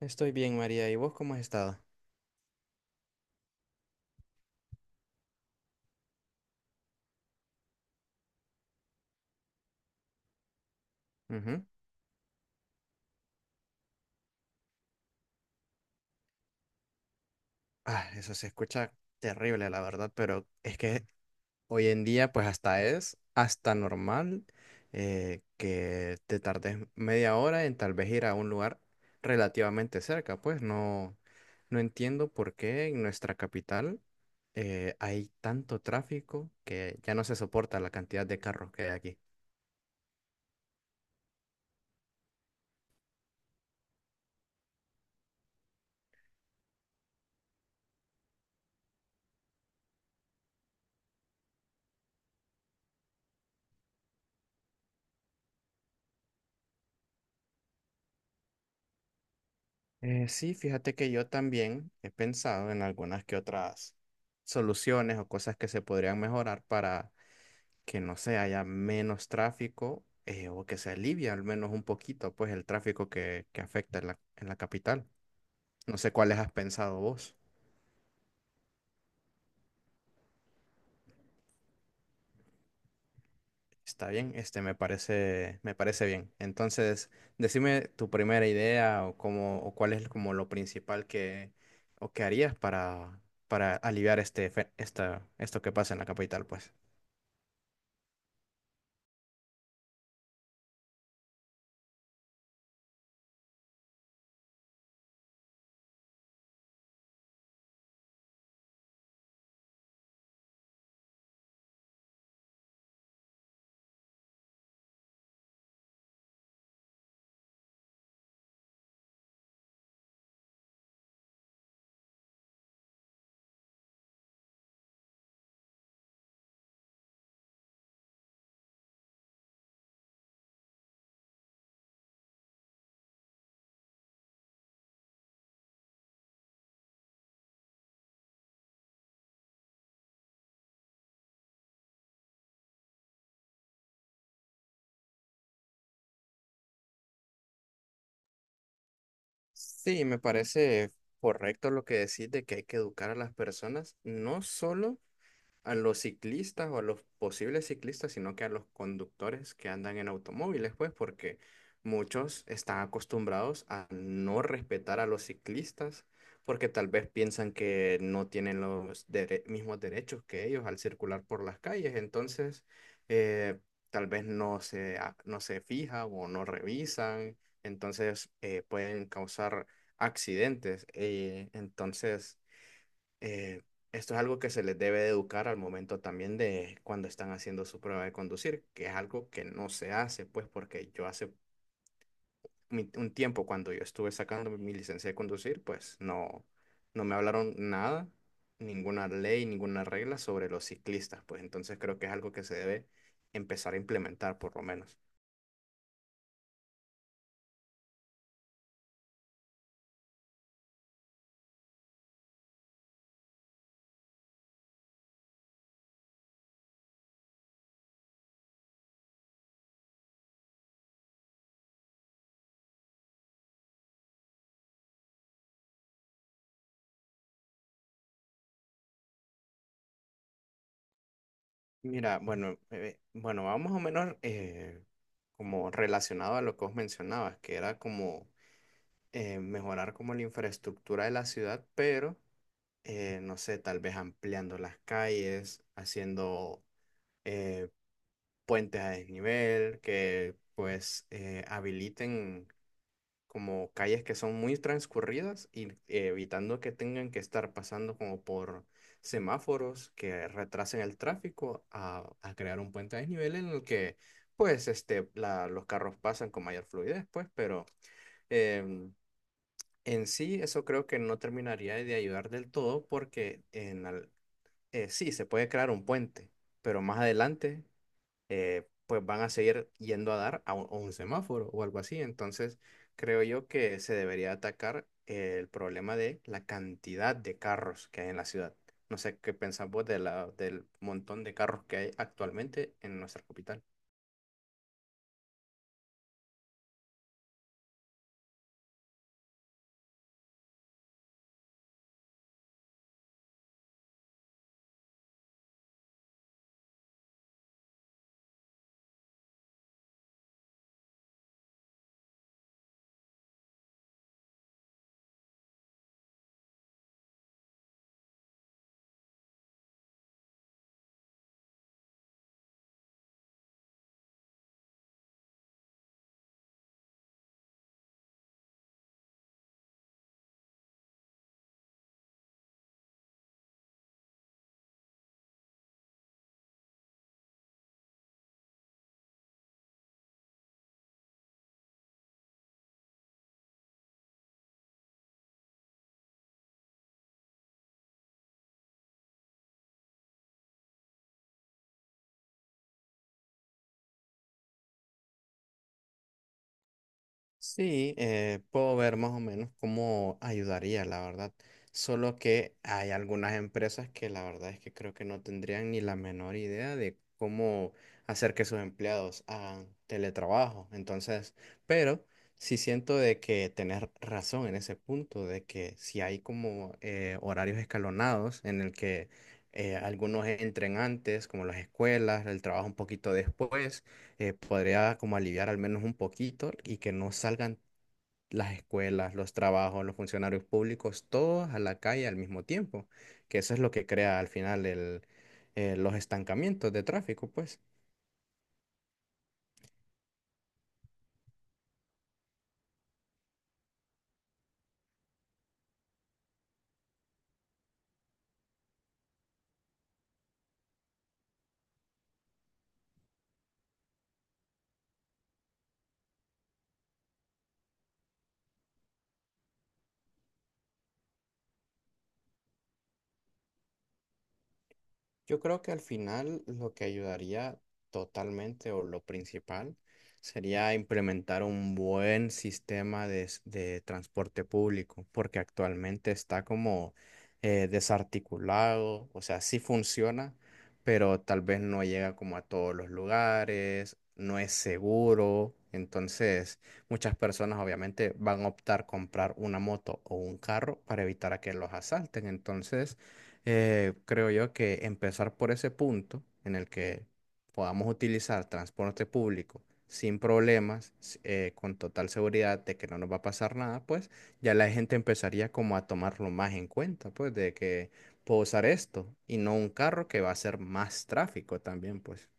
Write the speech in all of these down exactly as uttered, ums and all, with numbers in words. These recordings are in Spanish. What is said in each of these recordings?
Estoy bien, María. ¿Y vos cómo has estado? Ujú. Ah, eso se escucha terrible, la verdad, pero es que hoy en día, pues hasta es hasta normal, eh, que te tardes media hora en tal vez ir a un lugar relativamente cerca. Pues no, no entiendo por qué en nuestra capital eh, hay tanto tráfico que ya no se soporta la cantidad de carros que hay aquí. Eh, sí, fíjate que yo también he pensado en algunas que otras soluciones o cosas que se podrían mejorar para que no se haya menos tráfico, eh, o que se alivie al menos un poquito pues el tráfico que, que afecta en la, en la capital. No sé cuáles has pensado vos. Está bien, este me parece, me parece bien. Entonces, decime tu primera idea o cómo, o cuál es como lo principal que, o que harías para, para aliviar este, fe- esta, esto que pasa en la capital, pues. Sí, me parece correcto lo que decís de que hay que educar a las personas, no solo a los ciclistas o a los posibles ciclistas, sino que a los conductores que andan en automóviles, pues, porque muchos están acostumbrados a no respetar a los ciclistas, porque tal vez piensan que no tienen los dere- mismos derechos que ellos al circular por las calles, entonces eh, tal vez no se, a- no se fijan o no revisan, entonces eh, pueden causar accidentes. Eh, entonces, eh, esto es algo que se les debe de educar al momento también de cuando están haciendo su prueba de conducir, que es algo que no se hace, pues porque yo hace mi- un tiempo cuando yo estuve sacando mi licencia de conducir, pues no, no me hablaron nada, ninguna ley, ninguna regla sobre los ciclistas, pues entonces creo que es algo que se debe empezar a implementar por lo menos. Mira, bueno, eh, bueno, va más o menos eh, como relacionado a lo que vos mencionabas, que era como eh, mejorar como la infraestructura de la ciudad, pero eh, no sé, tal vez ampliando las calles, haciendo eh, puentes a desnivel, que pues eh, habiliten como calles que son muy transcurridas y eh, evitando que tengan que estar pasando como por semáforos que retrasen el tráfico a, a crear un puente a desnivel en el que pues este, la- los carros pasan con mayor fluidez, pues, pero em, en sí, eso creo que no terminaría de ayudar del todo porque en al- eh, sí, se puede crear un puente, pero más adelante eh, pues van a seguir yendo a dar a un, a un semáforo o algo así. Entonces, creo yo que se debería atacar el problema de la cantidad de carros que hay en la ciudad. No sé qué pensás vos de la, del montón de carros que hay actualmente en nuestra capital. Sí, eh, puedo ver más o menos cómo ayudaría, la verdad. Solo que hay algunas empresas que la verdad es que creo que no tendrían ni la menor idea de cómo hacer que sus empleados hagan teletrabajo. Entonces, pero sí siento de que tenés razón en ese punto, de que si hay como eh, horarios escalonados en el que eh, algunos entren antes, como las escuelas, el trabajo un poquito después eh, podría como aliviar al menos un poquito y que no salgan las escuelas, los trabajos, los funcionarios públicos, todos a la calle al mismo tiempo, que eso es lo que crea al final el, eh, los estancamientos de tráfico, pues. Yo creo que al final lo que ayudaría totalmente o lo principal sería implementar un buen sistema de, s- de transporte público, porque actualmente está como eh, desarticulado, o sea, sí funciona, pero tal vez no llega como a todos los lugares, no es seguro, entonces muchas personas obviamente van a optar comprar una moto o un carro para evitar a que los asalten, entonces eh, creo yo que empezar por ese punto en el que podamos utilizar transporte público sin problemas, s- eh, con total seguridad de que no nos va a pasar nada, pues ya la gente empezaría como a tomarlo más en cuenta, pues de que puedo usar esto y no un carro que va a ser más tráfico también, pues.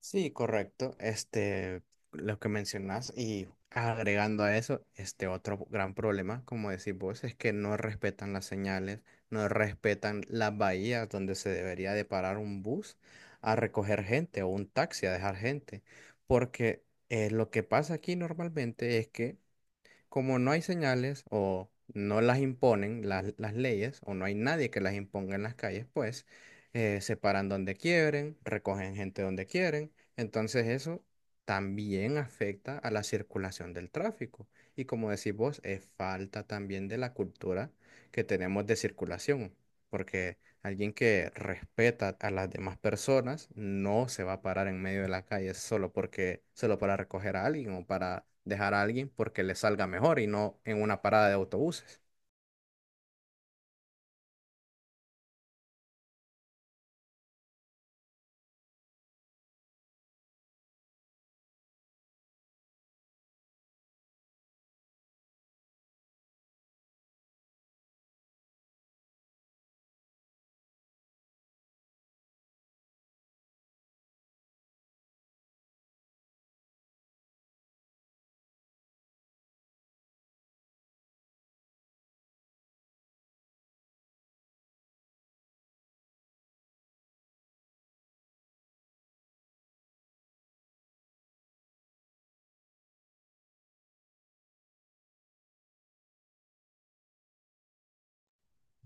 Sí, correcto. Este, lo que mencionas y agregando a eso, este otro gran problema, como decís vos, es que no respetan las señales, no respetan las bahías donde se debería de parar un bus a recoger gente o un taxi a dejar gente, porque eh, lo que pasa aquí normalmente es que como no hay señales o no las imponen las, las leyes o no hay nadie que las imponga en las calles, pues eh, se paran donde quieren, recogen gente donde quieren. Entonces eso también afecta a la circulación del tráfico. Y como decís vos, es falta también de la cultura que tenemos de circulación, porque alguien que respeta a las demás personas no se va a parar en medio de la calle solo porque, solo para recoger a alguien o para dejar a alguien porque le salga mejor y no en una parada de autobuses.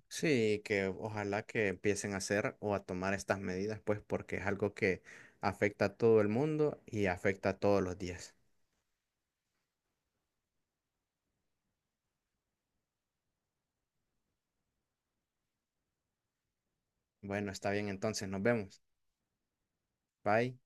Sí, que ojalá que empiecen a hacer o a tomar estas medidas, pues porque es algo que afecta a todo el mundo y afecta a todos los días. Bueno, está bien entonces, nos vemos. Bye.